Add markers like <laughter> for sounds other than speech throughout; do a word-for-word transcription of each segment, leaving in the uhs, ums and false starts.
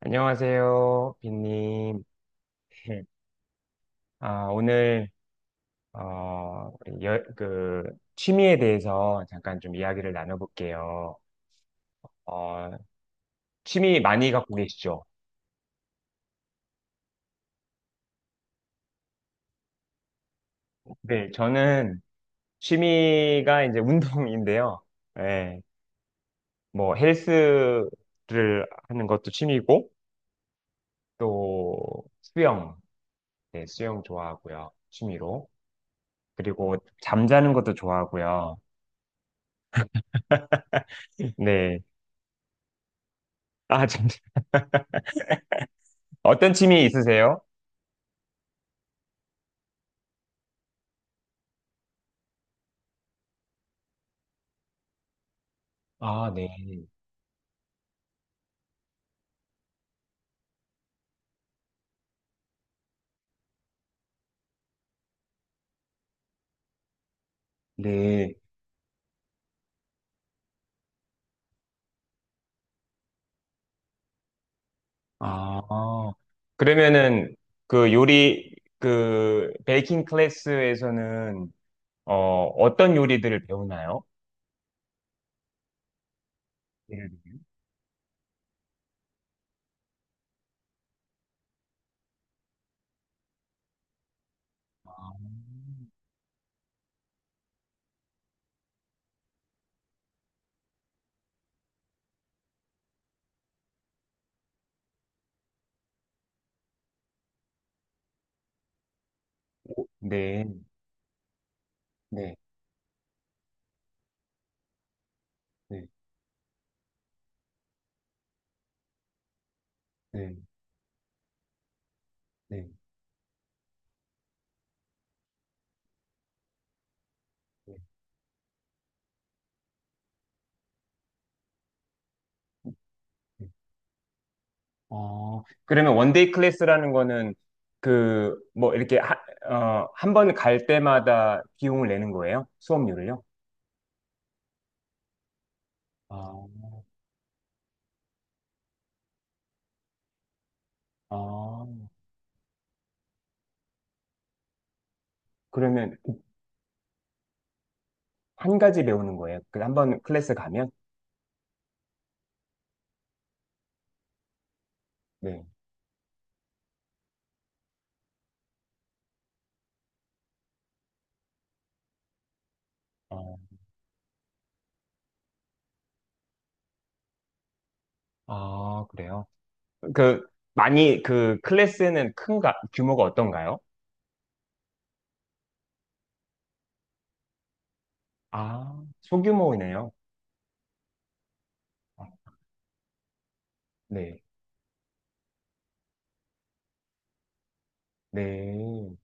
안녕하세요, 빈님. 아, 오늘, 어, 우리 여- 그, 취미에 대해서 잠깐 좀 이야기를 나눠볼게요. 어, 취미 많이 갖고 계시죠? 네, 저는 취미가 이제 운동인데요. 예, 뭐, 헬스를 하는 것도 취미고, 또, 수영. 네, 수영 좋아하고요. 취미로. 그리고 잠자는 것도 좋아하고요. <laughs> 네. 아, 잠 <laughs> 어떤 취미 있으세요? 아, 네. 네. 아, 그러면은 그 요리 그 베이킹 클래스에서는 어 어떤 요리들을 배우나요? 네. 아, 네. 네. 네. 네. 네. 네. 네. 어, 그러면 원데이 클래스라는 거는 그 뭐 이렇게 하, 어, 한 번 갈 때마다 비용을 내는 거예요? 수업료를요? 아, 아, 그러면 한 가지 배우는 거예요. 그 한 번 클래스 가면? 네. 어, 아, 그래요? 그, 많이, 그 클래스는 큰가, 규모가 어떤가요? 아, 소규모이네요. 아, 네. 네.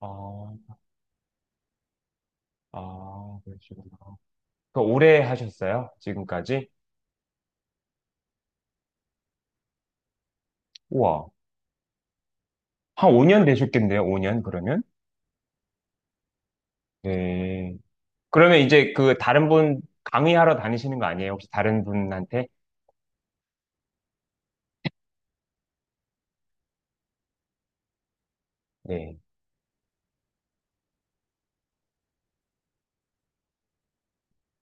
아, 아, 그러시구나. 그 오래 하셨어요? 지금까지? 우와. 한 오 년 되셨겠네요, 오 년 그러면? 네. 그러면 이제 그 다른 분 강의하러 다니시는 거 아니에요? 혹시 다른 분한테? 네.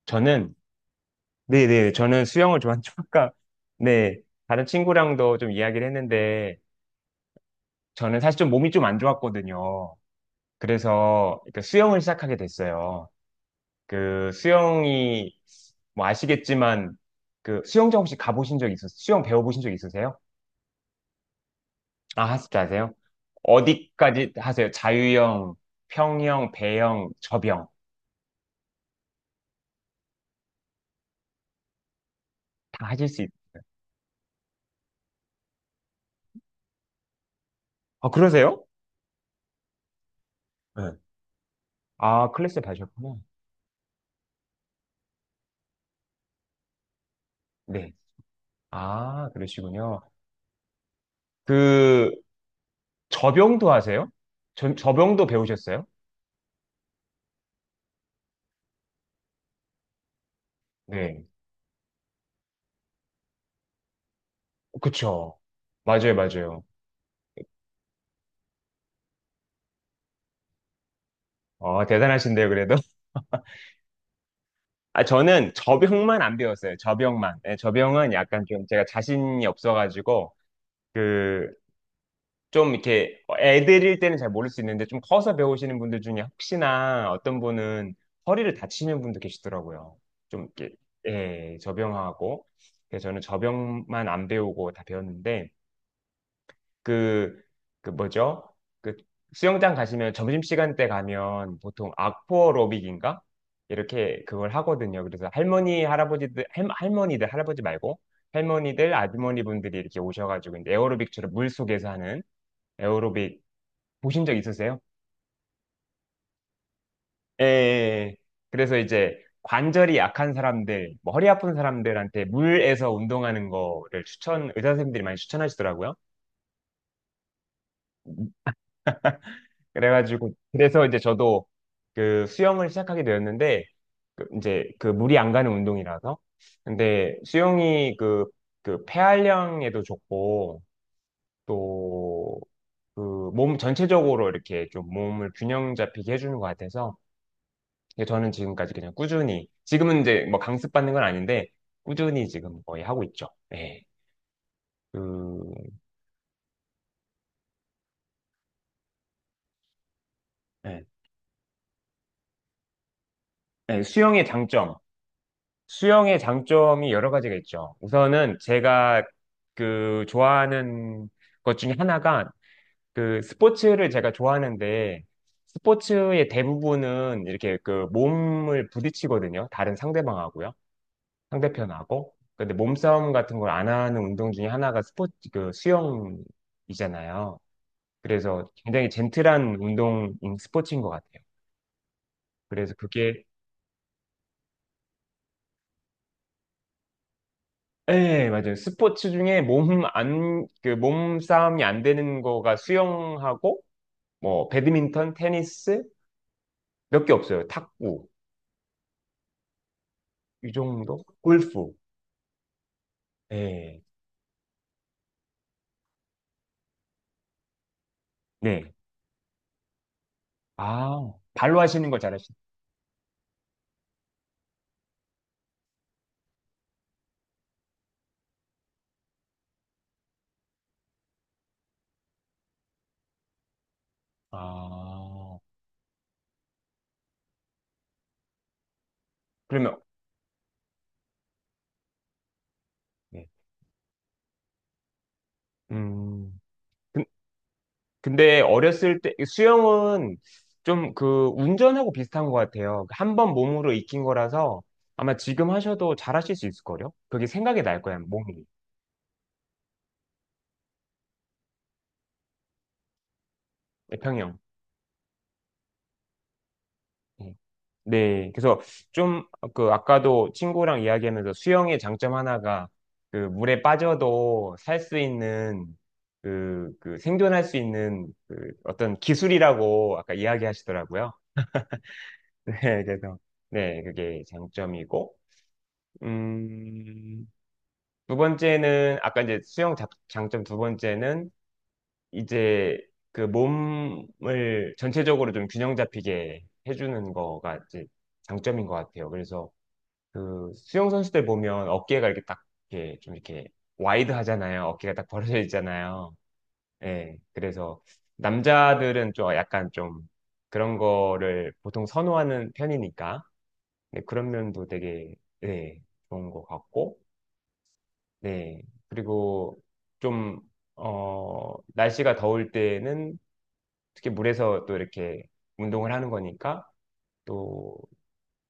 저는 네네. 저는 수영을 좋아하죠. 아까, 네. 다른 친구랑도 좀 이야기를 했는데, 저는 사실 좀 몸이 좀 안 좋았거든요. 그래서 그러니까 수영을 시작하게 됐어요. 그 수영이, 뭐 아시겠지만, 그 수영장 혹시 가보신 적 있으세요? 수영 배워보신 적 있으세요? 아, 하실 줄 아세요? 어디까지 하세요? 자유형, 평형, 배영, 접영. 다 하실 수 있... 아, 그러세요? 네. 아, 클래스 받으셨구나. 네. 아, 그러시군요. 그, 저병도 하세요? 저, 저병도 배우셨어요? 네. 그쵸. 맞아요, 맞아요. 어, 대단하신데요, 그래도. <laughs> 아, 저는 저병만 안 배웠어요. 저병만. 네, 저병은 약간 좀 제가 자신이 없어가지고, 그, 좀 이렇게 애들일 때는 잘 모를 수 있는데, 좀 커서 배우시는 분들 중에 혹시나 어떤 분은 허리를 다치는 분도 계시더라고요. 좀 이렇게, 예, 저병하고. 그래서 저는 저병만 안 배우고 다 배웠는데, 그, 그 뭐죠? 그 수영장 가시면 점심시간 때 가면 보통 악포로빅인가? 이렇게 그걸 하거든요. 그래서 할머니, 할아버지들, 할, 할머니들, 할아버지 말고 할머니들, 아주머니 분들이 이렇게 오셔가지고 이제 에어로빅처럼 물 속에서 하는 에어로빅 보신 적 있으세요? 예, 예, 예. 그래서 이제 관절이 약한 사람들, 뭐 허리 아픈 사람들한테 물에서 운동하는 거를 추천, 의사 선생님들이 많이 추천하시더라고요. 그래가지고 그래서 이제 저도 그 수영을 시작하게 되었는데 그 이제 그 물이 안 가는 운동이라서 근데 수영이 그 그 폐활량에도 좋고 또 그 몸 전체적으로 이렇게 좀 몸을 균형 잡히게 해주는 것 같아서 그래서 저는 지금까지 그냥 꾸준히 지금은 이제 뭐 강습 받는 건 아닌데 꾸준히 지금 거의 하고 있죠. 네. 그 네. 네, 수영의 장점 수영의 장점이 여러 가지가 있죠. 우선은 제가 그 좋아하는 것 중에 하나가 그 스포츠를 제가 좋아하는데 스포츠의 대부분은 이렇게 그 몸을 부딪히거든요. 다른 상대방하고요. 상대편하고. 근데 몸싸움 같은 걸 안 하는 운동 중에 하나가 스포츠, 그 수영이잖아요. 그래서 굉장히 젠틀한 운동인 스포츠인 것 같아요. 그래서 그게 네, 맞아요. 스포츠 중에 몸 안, 그 몸싸움이 안 되는 거가 수영하고, 뭐, 배드민턴, 테니스, 몇 개 없어요. 탁구, 이 정도? 골프. 네 네. 아, 발로 하시는 걸 잘하시네. 아, 그러면, 네. 음, 근- 근데 어렸을 때, 수영은 좀 그 운전하고 비슷한 것 같아요. 한 번 몸으로 익힌 거라서 아마 지금 하셔도 잘하실 수 있을걸요? 그게 생각이 날 거예요, 몸이. 평형. 네. 네, 그래서 좀 그 아까도 친구랑 이야기하면서 수영의 장점 하나가 그 물에 빠져도 살 수 있는 그, 그 생존할 수 있는 그 어떤 기술이라고 아까 이야기하시더라고요. <laughs> 네, 그래서 네, 그게 장점이고 음, 두 번째는 아까 이제 수영 자- 장점 두 번째는 이제 그 몸을 전체적으로 좀 균형 잡히게 해주는 거가 이제 장점인 것 같아요. 그래서 그 수영 선수들 보면 어깨가 이렇게 딱 이렇게 좀 이렇게 와이드 하잖아요. 어깨가 딱 벌어져 있잖아요. 예. 그래서 남자들은 좀 약간 좀 그런 거를 보통 선호하는 편이니까 네, 그런 면도 되게 네, 좋은 것 같고 네. 그리고 좀 어, 날씨가 더울 때는 특히 물에서 또 이렇게 운동을 하는 거니까 또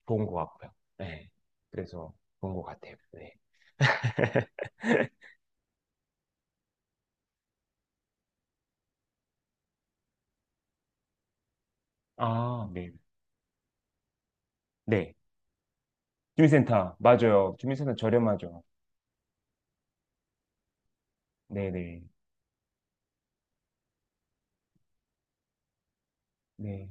좋은 것 같고요. 네. 그래서 좋은 것 같아요. 네. <laughs> 아, 네. 네. 주민센터. 맞아요. 주민센터 저렴하죠. 네네. 네.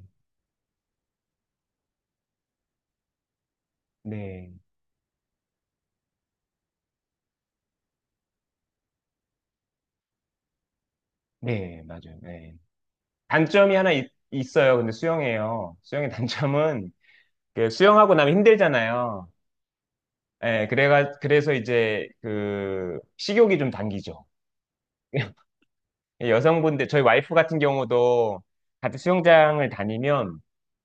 네. 네. 맞아요. 네. 단점이 하나 있, 어요 근데 수영이에요. 수영의 단점은 그 수영하고 나면 힘들잖아요. 예, 그래가 그래서 이제 그 식욕이 좀 당기죠. 여성분들 저희 와이프 같은 경우도 같은 수영장을 다니면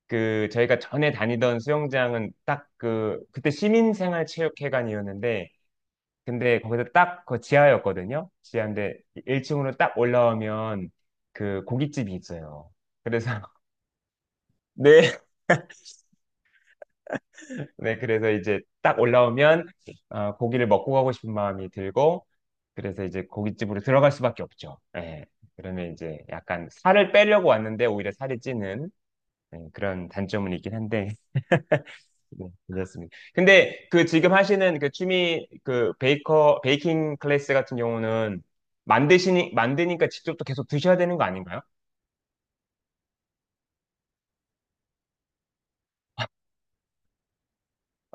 그 저희가 전에 다니던 수영장은 딱 그 그때 시민생활체육회관이었는데 근데 거기서 딱 그 지하였거든요. 지하인데 일 층으로 딱 올라오면 그 고깃집이 있어요. 그래서 <laughs> 네, 네, 그래서 이제 딱 올라오면 어, 고기를 먹고 가고 싶은 마음이 들고 그래서 이제 고깃집으로 들어갈 수밖에 없죠. 예. 그러면 이제 약간 살을 빼려고 왔는데 오히려 살이 찌는 예, 그런 단점은 있긴 한데 네, 그렇습니다. 근데 그 지금 하시는 그 취미 그 베이커 베이킹 클래스 같은 경우는 만드시니 만드니까 직접 또 계속 드셔야 되는 거 아닌가요?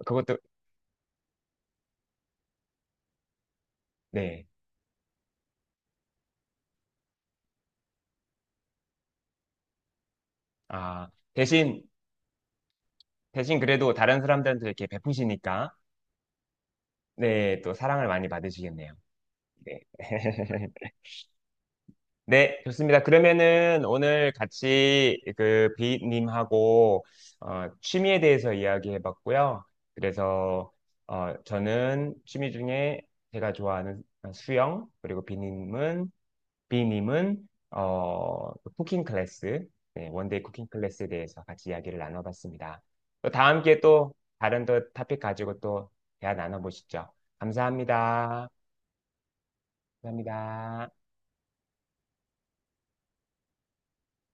그것도 네. 아, 대신 대신 그래도 다른 사람들한테 이렇게 베푸시니까 네, 또 사랑을 많이 받으시겠네요. 네. <laughs> 네, 좋습니다. 그러면은 오늘 같이 그 비님하고 어, 취미에 대해서 이야기해 봤고요. 그래서 어, 저는 취미 중에 제가 좋아하는 수영, 그리고 비님은 비님은 어, 쿠킹 클래스, 네, 원데이 쿠킹 클래스에 대해서 같이 이야기를 나눠봤습니다. 또 다음 기회에 또 다른 또 토픽 가지고 또 대화 나눠보시죠. 감사합니다. 감사합니다.